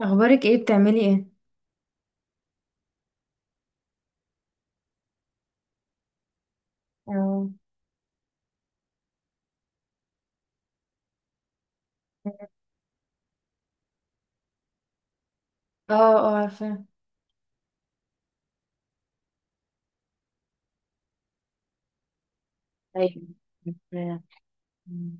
اخبارك ايه، بتعملي ايه؟ اه. اه. اه، عارفه. ايوه، عارفاه. مم.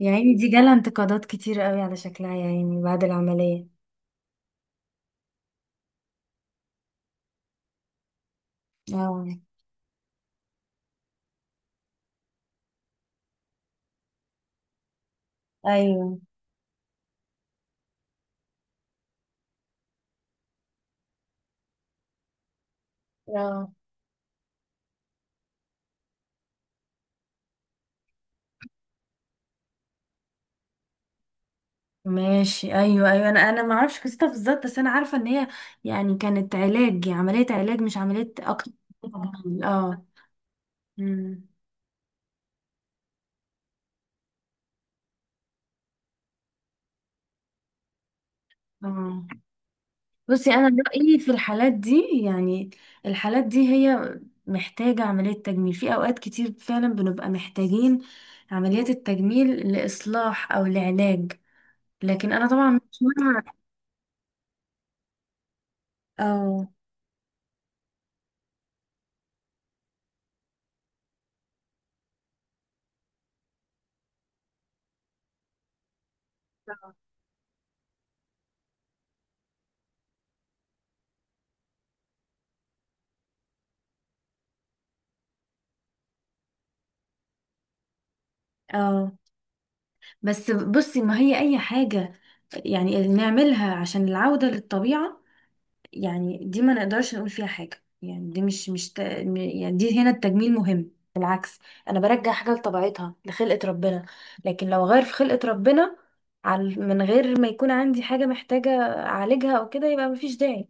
يا عيني، دي جالها انتقادات كتير قوي على شكلها، يا عيني، بعد العمليه. اه. ايوه. اه. ماشي، ايوه، ايوه، انا ما اعرفش قصتها بالظبط، بس انا عارفه ان هي يعني كانت علاج، عمليه علاج، مش عمليه اكتر. اه. امم اه. بصي، انا رايي في الحالات دي، يعني الحالات دي هي محتاجه عمليه تجميل، في اوقات كتير فعلا بنبقى محتاجين عمليات التجميل لاصلاح او لعلاج. لكن انا طبعا مش مع. او اه، بس بصي، ما هي اي حاجه يعني نعملها عشان العوده للطبيعه، يعني دي ما نقدرش نقول فيها حاجة، يعني دي مش يعني دي هنا التجميل مهم، بالعكس، انا برجع حاجة لطبيعتها، لخلقة ربنا. لكن لو غير في خلقة ربنا، على من غير ما يكون عندي حاجة محتاجة اعالجها او كده، يبقى مفيش داعي.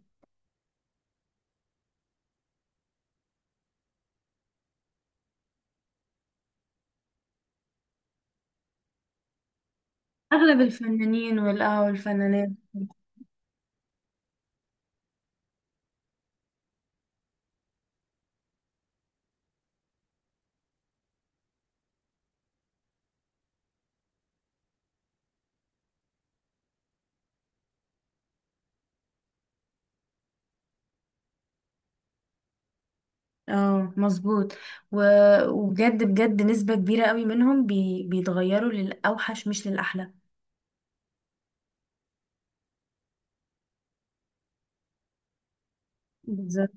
اغلب الفنانين والآه والفنانات. اه، مظبوط. و... وبجد بجد نسبة كبيرة قوي منهم بيتغيروا للأوحش مش للأحلى. بالظبط.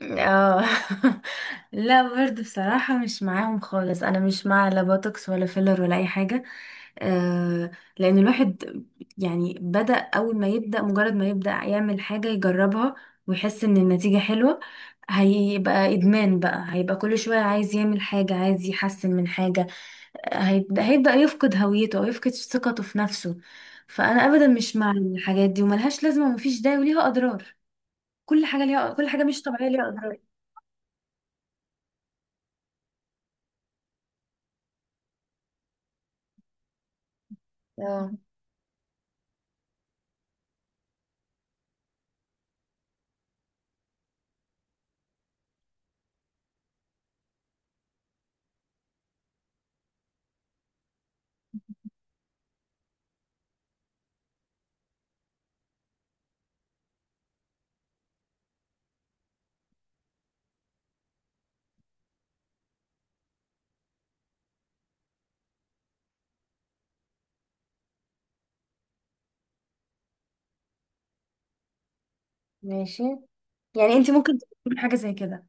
اه. لا برضه بصراحة مش معاهم خالص، انا مش مع لا بوتوكس ولا فيلر ولا اي حاجة. آه لان الواحد يعني بدأ، اول ما يبدأ، مجرد ما يبدأ يعمل حاجة يجربها ويحس ان النتيجة حلوة، هيبقى ادمان بقى، هيبقى كل شوية عايز يعمل حاجة، عايز يحسن من حاجة. هيبدأ يفقد هويته او يفقد ثقته في نفسه. فانا ابدا مش مع الحاجات دي، وملهاش لازمة ومفيش داعي وليها اضرار. كل حاجة ليها، كل حاجة مش طبيعية ليها اضرار. اه. ماشي. يعني انت ممكن تقولي حاجة زي كده؟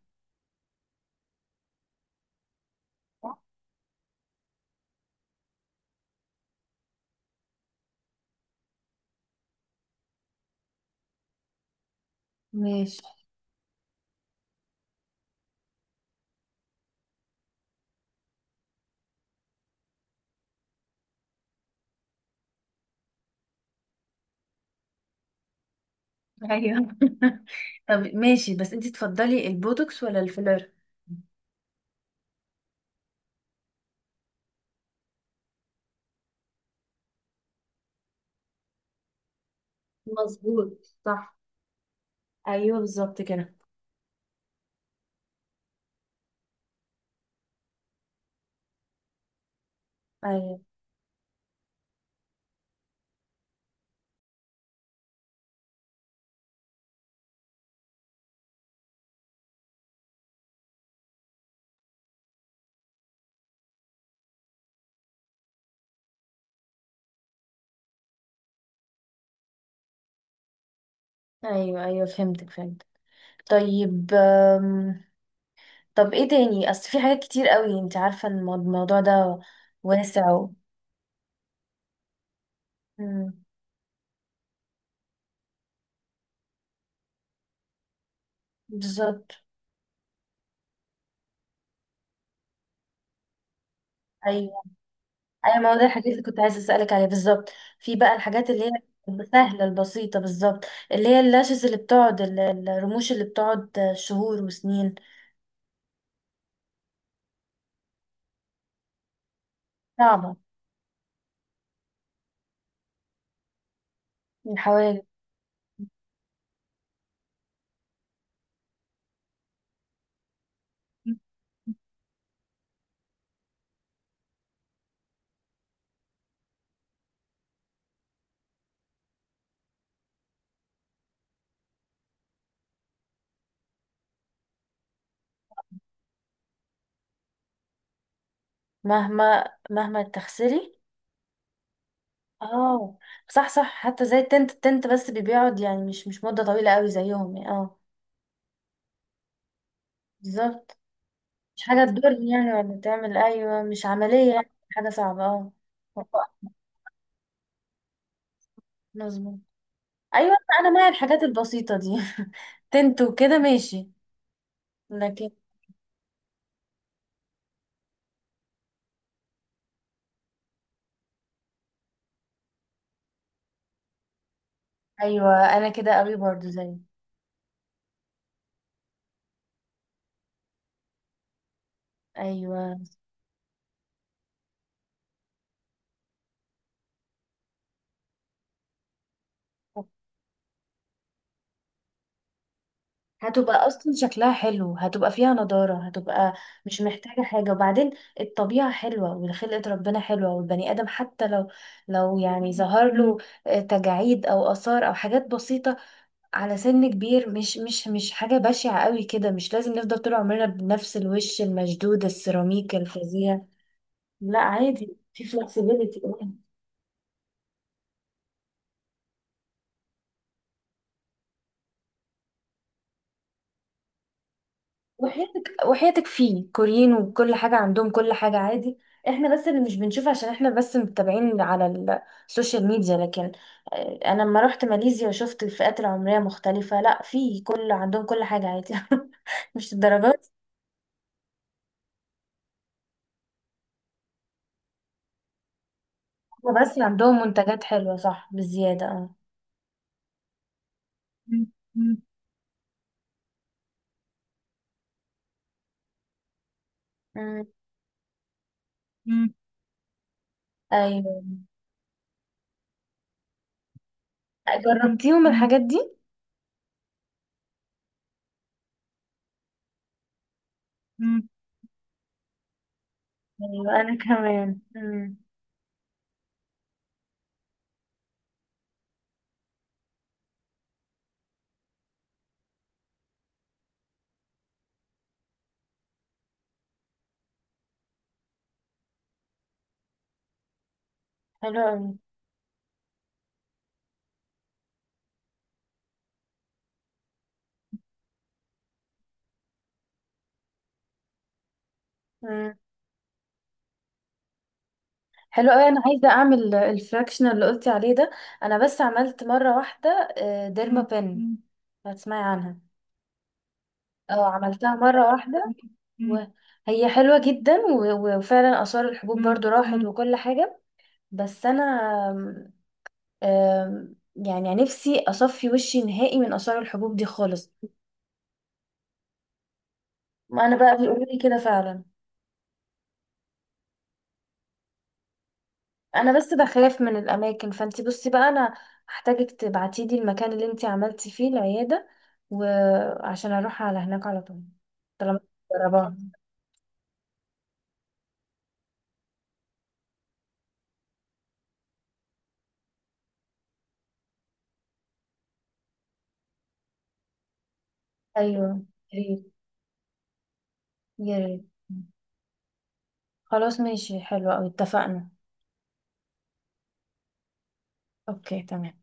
ماشي. ايوه. طب ماشي، بس انت تفضلي البوتوكس ولا الفيلر؟ مظبوط، صح. ايوه بالظبط كده. ايوه، ايوه، ايوه فهمتك، فهمت. طيب طب ايه تاني، اصل في حاجات كتير قوي انت عارفة ان الموضوع ده واسع مم، بالظبط. ايوه، ايوه، ما هو ده الحاجات اللي كنت عايزه اسالك عليها بالظبط. في بقى الحاجات اللي هي السهله البسيطه بالظبط، اللي هي اللاشز اللي بتقعد الرموش اللي بتقعد شهور وسنين. صعبه. الحواجب. مهما تغسلي. اه، صح، صح، حتى زي التنت، بس بيقعد يعني مش مده طويله قوي زيهم يعني اه. بالظبط. مش حاجه تضر يعني ولا تعمل، ايوه مش عمليه يعني حاجه صعبه اه. مظبوط. ايوه انا مع الحاجات البسيطه دي. تنت وكده، ماشي. لكن ايوه، انا كده قوي برضو زي، ايوه، هتبقى اصلا شكلها حلو، هتبقى فيها نضارة، هتبقى مش محتاجة حاجة. وبعدين الطبيعة حلوة وخلقة ربنا حلوة، والبني ادم حتى لو، يعني ظهر له تجاعيد او اثار او حاجات بسيطة على سن كبير، مش حاجة بشعة قوي كده، مش لازم نفضل طول عمرنا بنفس الوش المشدود السيراميك الفظيع. لا عادي، في flexibility. وحياتك، وحياتك، فيه كوريين وكل حاجة عندهم كل حاجة عادي، احنا بس اللي مش بنشوف عشان احنا بس متابعين على السوشيال ميديا، لكن انا لما رحت ماليزيا وشفت الفئات العمرية مختلفة، لا في، كل عندهم كل حاجة عادي. مش الدرجات. هما بس عندهم منتجات حلوة، صح، بالزيادة اه. مم. مم. مم. مم. ايوه. جربتيهم؟ مم. الحاجات دي؟ مم. ايوه انا كمان. مم. حلو قوي. حلو قوي، انا عايزه اعمل الفراكشن اللي قلتي عليه ده. انا بس عملت مره واحده. ديرما بن، هتسمعي عنها. اه، عملتها مره واحده، وهي حلوه جدا وفعلا اثار الحبوب برضو راحت وكل حاجه. بس انا آم، يعني نفسي اصفي وشي نهائي من اثار الحبوب دي خالص. ما انا بقى بيقولوا لي كده فعلا. انا بس بخاف من الاماكن، فانتي بصي بقى، انا هحتاجك تبعتي لي المكان اللي انتي عملتي فيه العياده، وعشان اروح على هناك على طول طالما جربان. ايوه، يا ريت، يا ريت. خلاص، ماشي، حلو قوي، اتفقنا. اوكي، تمام.